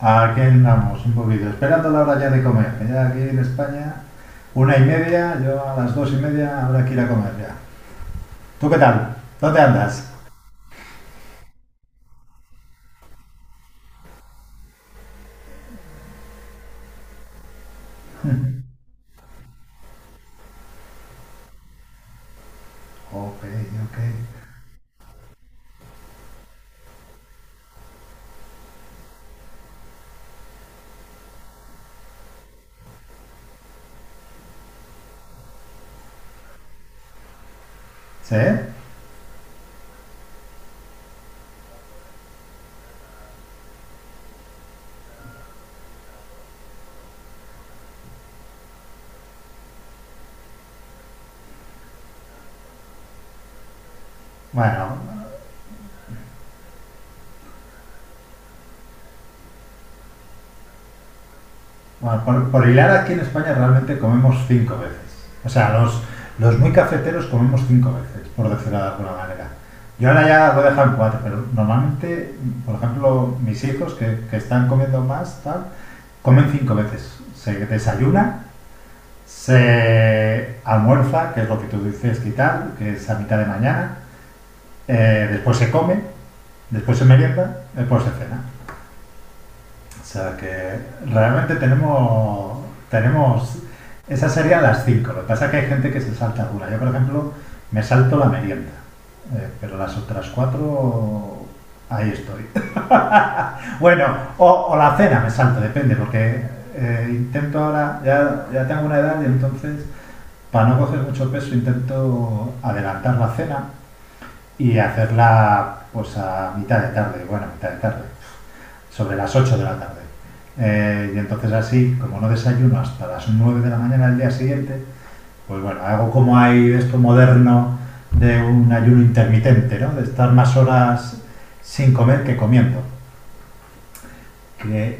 Aquí andamos un poquito, esperando la hora ya de comer. Ya aquí en España, una y media, yo a las dos y media habrá que ir a comer ya. ¿Tú qué tal? ¿Dónde andas? Ok, ok. ¿Sí? Bueno, bueno, por hilar aquí en España realmente comemos cinco veces. O sea, los muy cafeteros comemos cinco veces, por decirlo de alguna manera. Yo ahora ya lo he dejado en cuatro, pero normalmente, por ejemplo, mis hijos que están comiendo más, tal, comen cinco veces. Se desayunan, se almuerza, que es lo que tú dices, quitar, que es a mitad de mañana. Después se come, después se merienda, después se cena. O sea que realmente tenemos, tenemos esas serían las cinco. Lo que pasa es que hay gente que se salta alguna. Yo, por ejemplo, me salto la merienda. Pero las otras cuatro, ahí estoy. Bueno, o la cena me salto, depende, porque intento ahora, ya tengo una edad y entonces para no coger mucho peso intento adelantar la cena y hacerla pues a mitad de tarde, bueno, mitad de tarde, sobre las 8 de la tarde. Y entonces así, como no desayuno hasta las 9 de la mañana del día siguiente, pues bueno, hago como hay de esto moderno de un ayuno intermitente, ¿no? De estar más horas sin comer que comiendo. Que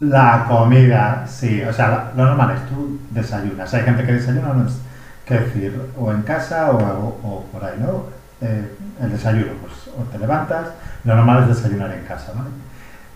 la comida, sí. O sea, lo normal es tú desayunas. Hay gente que desayuna, no es, que decir, o en casa o por ahí, ¿no? Eh, el desayuno, pues o te levantas, lo normal es desayunar en casa, ¿vale?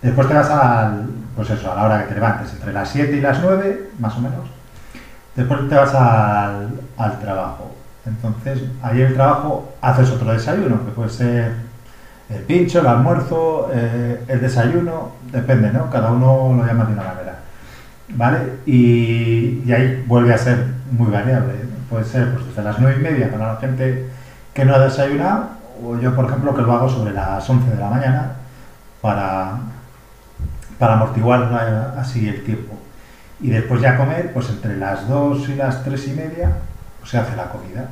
Después te vas al, pues eso, a la hora que te levantes, entre las 7 y las 9 más o menos. Después te vas al, al trabajo. Entonces, ahí en el trabajo haces otro desayuno, que puede ser el pincho, el almuerzo, el desayuno, depende, ¿no? Cada uno lo llama de una manera. ¿Vale? Y ahí vuelve a ser muy variable. ¿Eh? Puede ser pues, desde las 9 y media para la gente que no ha desayunado, o yo, por ejemplo, que lo hago sobre las 11 de la mañana para, para amortiguar la- así el tiempo. Y después ya comer, pues entre las 2 y las 3 y media pues, se hace la comida.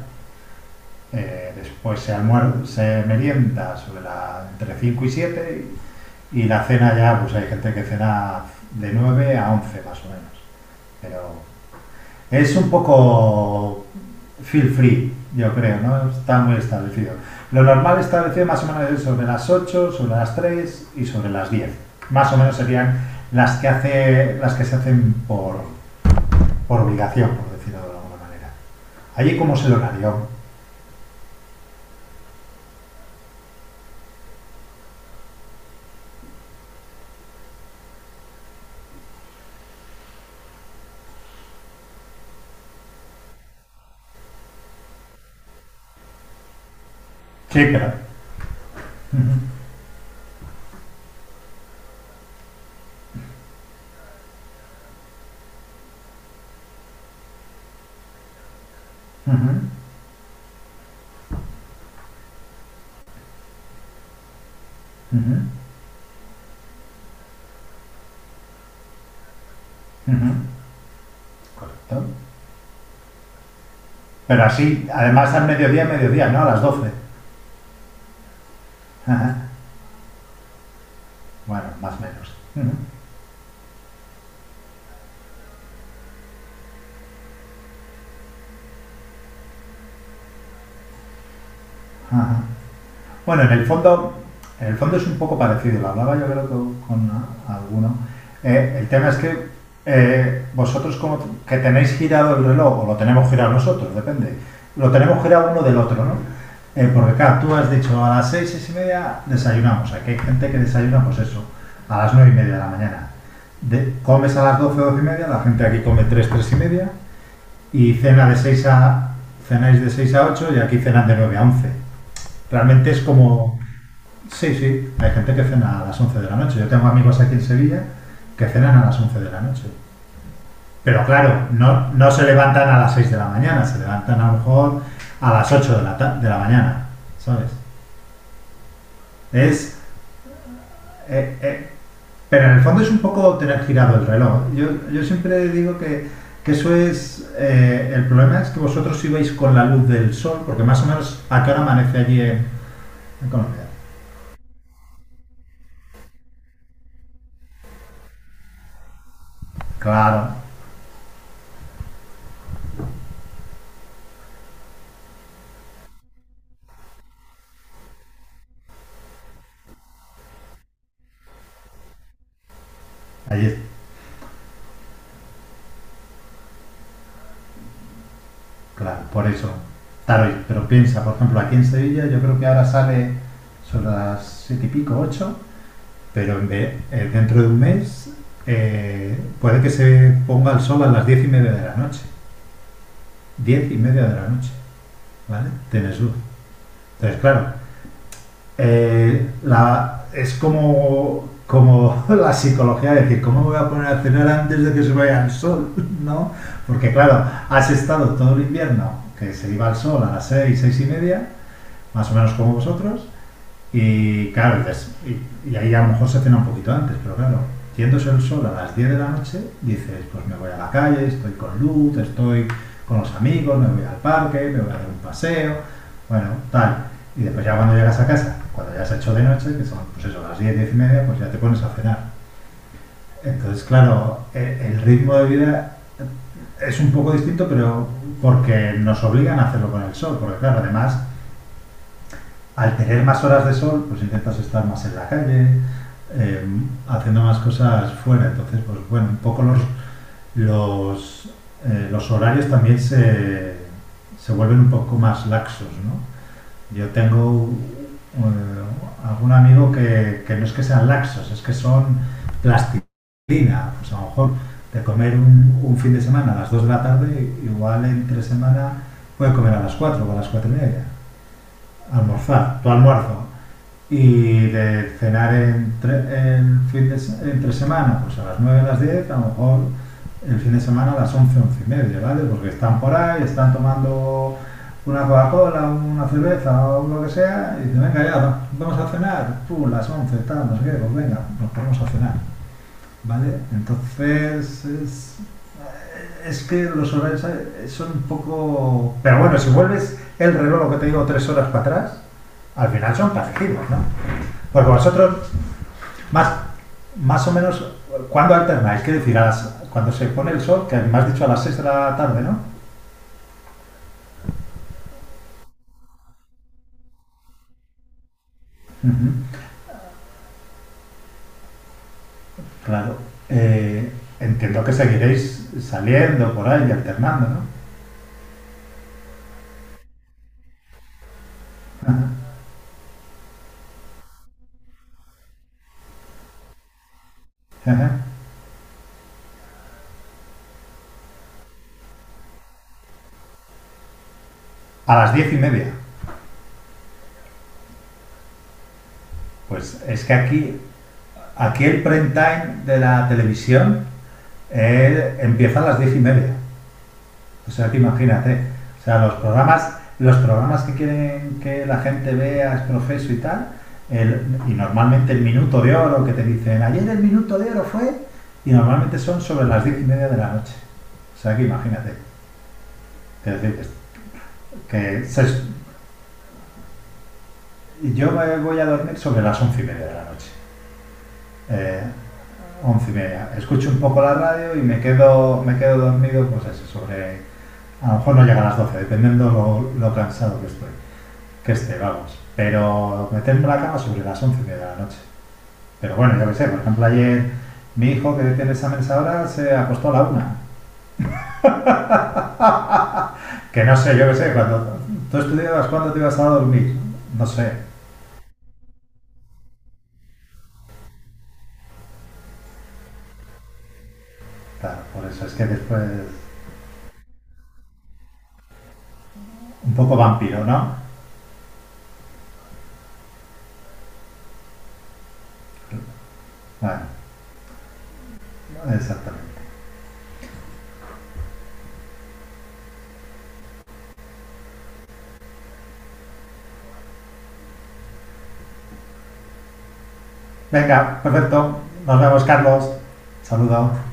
Después se, almuer- se merienda sobre la, entre 5 y 7 y la cena ya, pues hay gente que cena de 9 a 11 más o menos. Pero es un poco feel free, yo creo, ¿no? Está muy establecido. Lo normal establecido más o menos es sobre las ocho, sobre las 3 y sobre las diez. Más o menos serían las que, hace, las que se hacen por obligación, por decirlo de alguna manera. Allí como es el horario. Sí, pero... ujú, ujú, ujú, ujú. Correcto. Pero así, además al mediodía, mediodía, ¿no? A las doce. Ajá. Bueno, más o menos. Ujú. Ajá. Bueno, en el fondo es un poco parecido, lo hablaba yo creo con alguno. El tema es que vosotros como que tenéis girado el reloj, o lo tenemos girado nosotros, depende, lo tenemos girado uno del otro, ¿no? Porque claro, tú has dicho a las seis, seis y media desayunamos, aquí hay gente que desayuna pues eso, a las nueve y media de la mañana. De- comes a las 12 12 y media, la gente aquí come 3 3:30 y cena de 6 a, cenáis de 6 a 8 y aquí cenan de 9 a 11. Realmente es como sí, sí, hay gente que cena a las 11 de la noche. Yo tengo amigos aquí en Sevilla que cenan a las 11 de la noche. Pero claro, no se levantan a las 6 de la mañana, se levantan a lo mejor a las 8 de la, de la mañana, ¿sabes? Es, eh, eh, pero en el fondo es un poco tener girado el reloj. Yo siempre digo que eso es... El problema es que vosotros ibais con la luz del sol, porque más o menos a qué hora amanece allí en Colombia. Claro, allí claro, por eso. Taroy, pero piensa, por ejemplo, aquí en Sevilla yo creo que ahora sale son las siete y pico, ocho, dentro de un mes puede que se ponga el sol a las diez y media de la noche. Diez y media de la noche, ¿vale? Tienes luz. Entonces, claro, es como, como la psicología, de decir, ¿cómo me voy a poner a cenar antes de que se vaya el sol? ¿No? Porque claro, has estado todo el invierno que se iba al sol a las seis, seis y media, más o menos como vosotros. Y claro, dices, y ahí a lo mejor se cena un poquito antes, pero claro, yéndose el sol a las 10 de la noche, dices, pues me voy a la calle, estoy con luz, estoy con los amigos, me voy al parque, me voy a dar un paseo, bueno, tal. Y después ya cuando llegas a casa, cuando ya se ha hecho de noche, que son pues eso, las 10 10:30, pues ya te pones a cenar. Entonces, claro, el ritmo de vida es un poco distinto, pero porque nos obligan a hacerlo con el sol, porque claro, además al tener más horas de sol, pues intentas estar más en la calle, eh, haciendo más cosas fuera. Entonces, pues bueno, un poco los, los horarios también se vuelven un poco más laxos, ¿no? Yo tengo algún amigo que no es que sean laxos, es que son plastilina. Pues a lo mejor de comer un fin de semana a las 2 de la tarde, igual entre semana puede comer a las 4 o a las 4 y media. Almorzar, tu almuerzo, y de cenar entre, entre semana, pues a las 9 a las 10 a lo mejor el fin de semana a las 11 11:30, ¿vale? Porque están por ahí, están tomando una Coca-Cola, una cerveza o lo que sea, y dicen, venga, ya, vamos a cenar, pum, las 11 tal, no sé qué, pues venga, nos ponemos a cenar, ¿vale? Entonces, es que los horarios son un poco... Pero bueno, si vuelves el reloj, lo que te digo, tres horas para atrás, al final son parecidos, ¿no? Porque vosotros más, más o menos, ¿cuándo alternáis? ¿Qué decir? A las- cuando se pone el sol, que me has dicho a las seis de la tarde, ¿no? Ujú, claro. Eh, Entiendo que seguiréis saliendo por ahí y alternando, ¿no? Ajá, ajá. A las 10 y media. Pues es que aquí, aquí el prime time de la televisión empieza a las 10 y media. O sea, que imagínate. O sea, los programas que quieren que la gente vea, es profeso y tal, y normalmente el minuto de oro que te dicen, ayer el minuto de oro fue, y normalmente son sobre las diez y media de la noche. O sea, que imagínate. Es decir, que se- yo me voy a dormir sobre las once y media de la noche. Eh, Once y media. Escucho un poco la radio y me quedo dormido, pues eso, sobre... A lo mejor no llega a las 12, dependiendo lo cansado que estoy. Que este, vamos. Pero meterme en la cama sobre las 11 de la noche. Pero bueno, yo qué sé, por ejemplo, ayer mi hijo que tiene exámenes ahora se acostó a la una. Que no sé, yo qué sé, cuando tú estudiabas, ¿cuándo te ibas a dormir? No sé. Claro, por eso es que después. Un poco vampiro, ¿no? Bueno, exactamente. Venga, perfecto. Nos vemos, Carlos. Saludos.